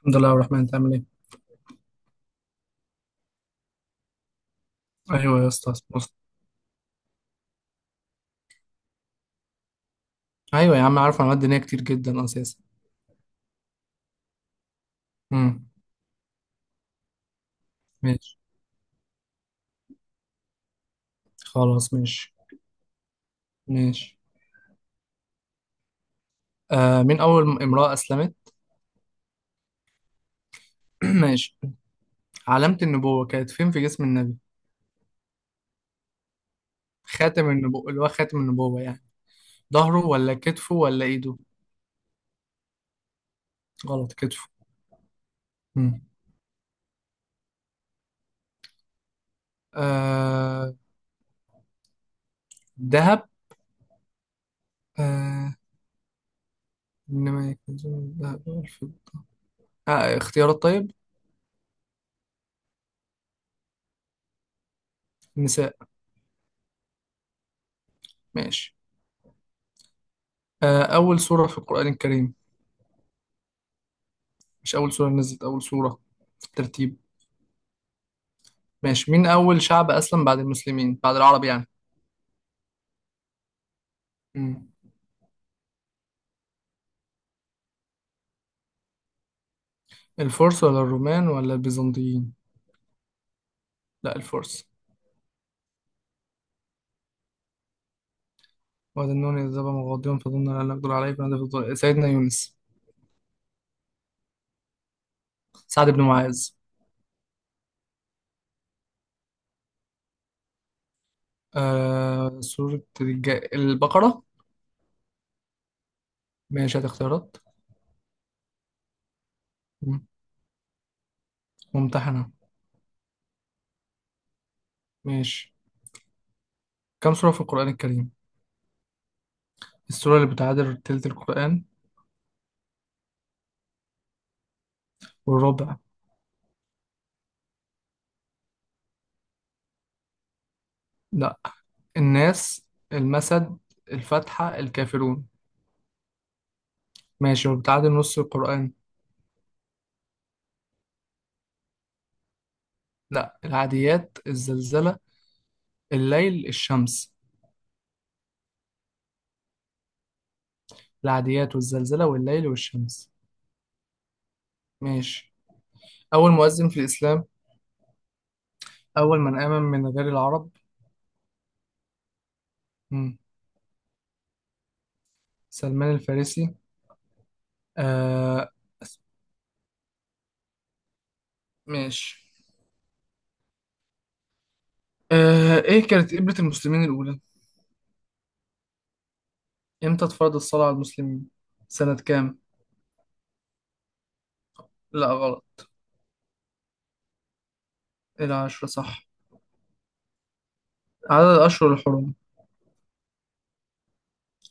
الحمد لله الرحمن، انت عامل ايه؟ ايوه يا اسطى، بص. ايوه يا عم، عارف معلومات دينيه كتير جدا اساسا. امم ماشي، خلاص ماشي. ماشي. مين اول امراه اسلمت؟ ماشي. علامه النبوه كانت فين في جسم النبي؟ خاتم النبوه، اللي هو خاتم النبوه يعني، ظهره ولا كتفه ولا ايده؟ غلط، كتفه. امم آه ذهب. آه، انما يكنزون الذهب والفضة. آه اختيارات، طيب. نساء. ماشي. اول سوره في القران الكريم؟ مش اول سوره نزلت، اول سوره ترتيب. ماشي. مين أول شعب أسلم بعد المسلمين، بعد العرب يعني؟ مم. الفرس ولا الرومان ولا البيزنطيين؟ لا، الفرس. وهذا النون إذ ذهب مغاضبا فظن أن لا نقدر عليه فنادى في الظل- سيدنا يونس. سعد بن معاذ. آه سورة البقرة. ماشي، هات اختيارات. مم. ممتحنة. ماشي. كم سورة في القرآن الكريم؟ السورة اللي بتعادل تلت القرآن؟ والربع؟ لا، الناس المسد، الفاتحة الكافرون. ماشي، وبتعادل نص القرآن؟ لا، العاديات، الزلزلة، الليل، الشمس. العاديات والزلزلة والليل والشمس. ماشي. أول مؤذن في الإسلام؟ أول من آمن من غير العرب؟ مم. سلمان الفارسي. آه. أس- ماشي. إيه كانت قبلة المسلمين الأولى؟ إمتى اتفرض الصلاة على المسلمين؟ سنة كام؟ لا غلط. إيه العشرة صح. عدد الأشهر الحرم؟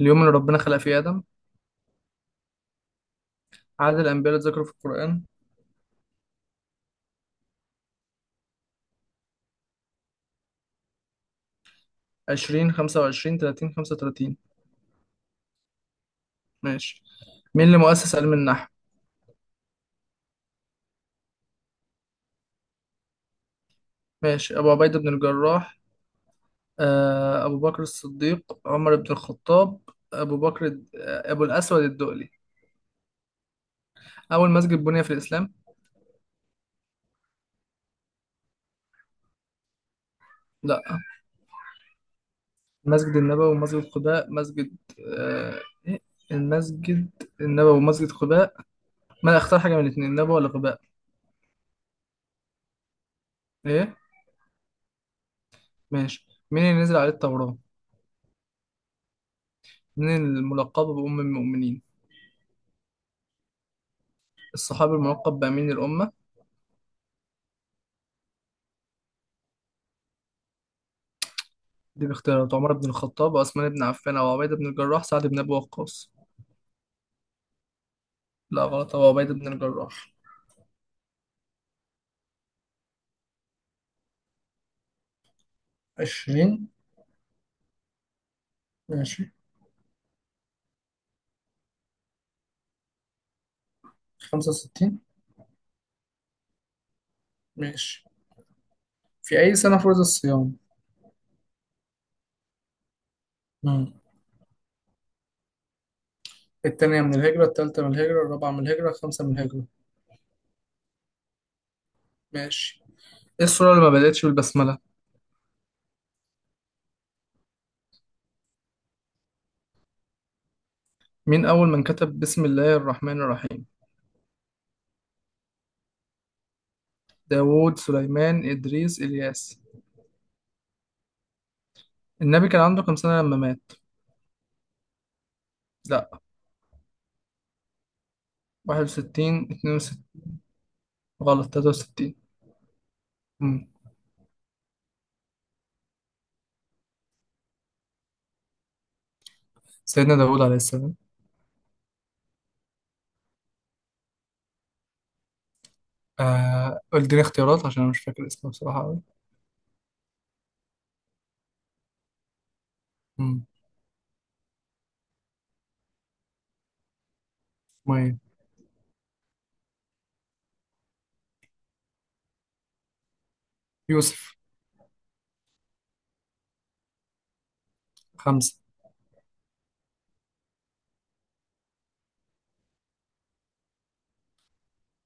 اليوم اللي ربنا خلق فيه آدم؟ عدد الأنبياء اللي اتذكروا في القرآن؟ 20، 25، 30، 35. ماشي. مين اللي مؤسس علم النحو؟ ماشي، أبو عبيدة بن الجراح، أبو بكر الصديق، عمر بن الخطاب، أبو بكر أبو الأسود الدؤلي. أول مسجد بني في الإسلام؟ لا. مسجد النبوي ومسجد قباء، مسجد، آه، إيه المسجد النبوي ومسجد قباء. ما اختار حاجة من الاتنين، النبوي ولا قباء؟ إيه؟ ماشي. مين اللي نزل عليه التوراة؟ مين الملقب بأم المؤمنين؟ الصحابي الملقب بأمين الأمة؟ دي باختيارات: عمر بن الخطاب، عثمان بن عفان، أو عبيدة بن الجراح، سعد بن أبي وقاص. لا غلط، هو عبيدة بن الجراح. 20. ماشي، 65. ماشي. في أي سنة فرض الصيام؟ مم. التانية من الهجرة، التالتة من الهجرة، الرابعة من الهجرة، الخامسة من الهجرة. ماشي. إيه السورة اللي ما بدأتش بالبسملة؟ مين أول من كتب بسم الله الرحمن الرحيم؟ داوود، سليمان، إدريس، إلياس. النبي كان عنده كام سنة لما مات؟ لا. 61، 62. غلط، 63. مم. سيدنا داوود عليه السلام. آه قول لي اختيارات، عشان انا مش فاكر اسمه بصراحة قوي. امم 100. يوسف. خمسة.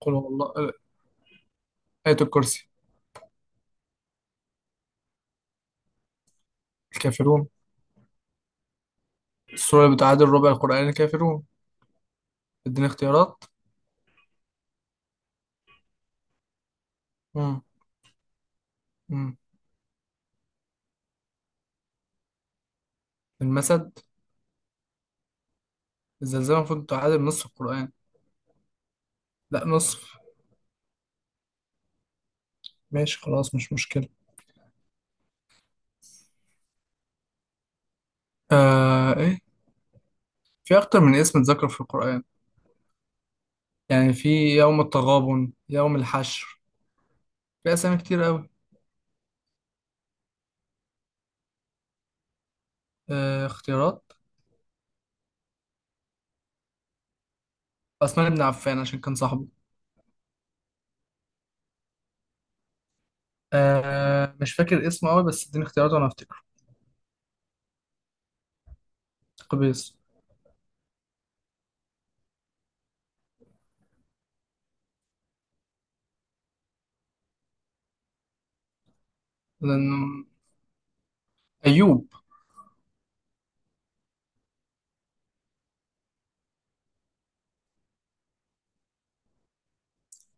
قل هو الله، آية الكرسي. الكافرون. السورة اللي بتعادل ربع القرآن، الكافرون. اديني اختيارات. امم امم المسد. الزلزال المفروض تعادل نصف القرآن. لا، نصف. ماشي، خلاص مش مشكلة. آه ايه في اكتر من اسم اتذكر في القرآن. يعني في يوم التغابن، يوم الحشر. في اسامي كتير قوي. اختيارات. عثمان بن عفان عشان كان صاحبه. آه مش فاكر اسمه قوي، بس اديني اختيارات وانا افتكره. قبيس. لانه ايوب.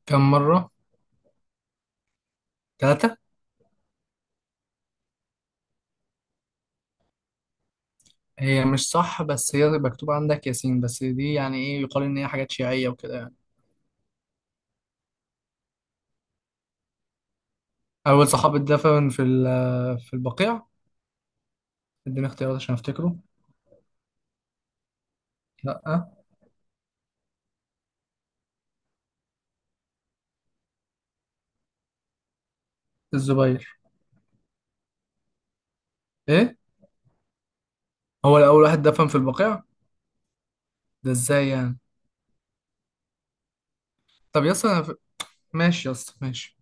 كم مره؟ 3. هي مش صح، بس هي مكتوب عندك ياسين، بس دي يعني ايه، يقال ان هي حاجات شيعيه وكده يعني. اول صحابي اتدفن في البقيع. اديني اختيارات عشان افتكره. لا، الزبير. ايه؟ هو الاول واحد دفن في البقيع؟ ده ازاي يعني؟ طب يس، أنا ماشي يس، ماشي.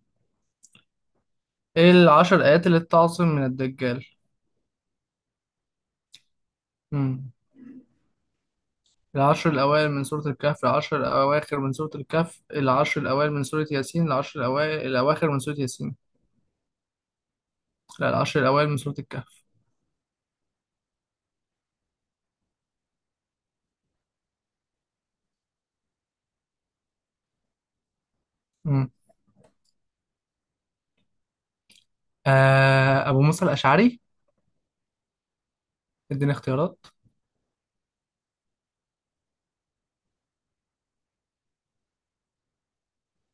ايه العشر ايات اللي بتعصم من الدجال؟ العشر الأوائل من سورة الكهف، العشر الأواخر من سورة الكهف، العشر الأوائل من سورة ياسين، العشر الأوائل الأواخر من سورة ياسين. لا، العشر الأوائل من سورة الكهف. مم. أبو موسى الأشعري. اديني اختيارات.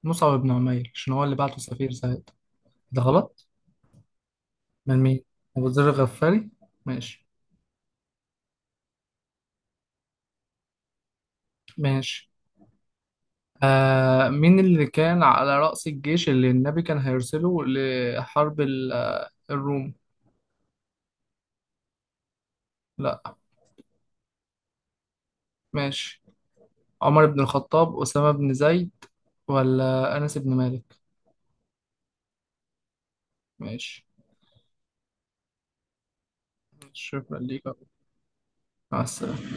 مصعب بن عمير عشان هو اللي بعته سفير سعيد. ده غلط. من مين؟ أبو ذر الغفاري. ماشي. ماشي. مين اللي كان على رأس الجيش اللي النبي كان هيرسله لحرب الروم؟ لا. ماشي. عمر بن الخطاب، أسامة بن زيد، ولا أنس بن مالك؟ ماشي. شكرا ليك. مع السلامة.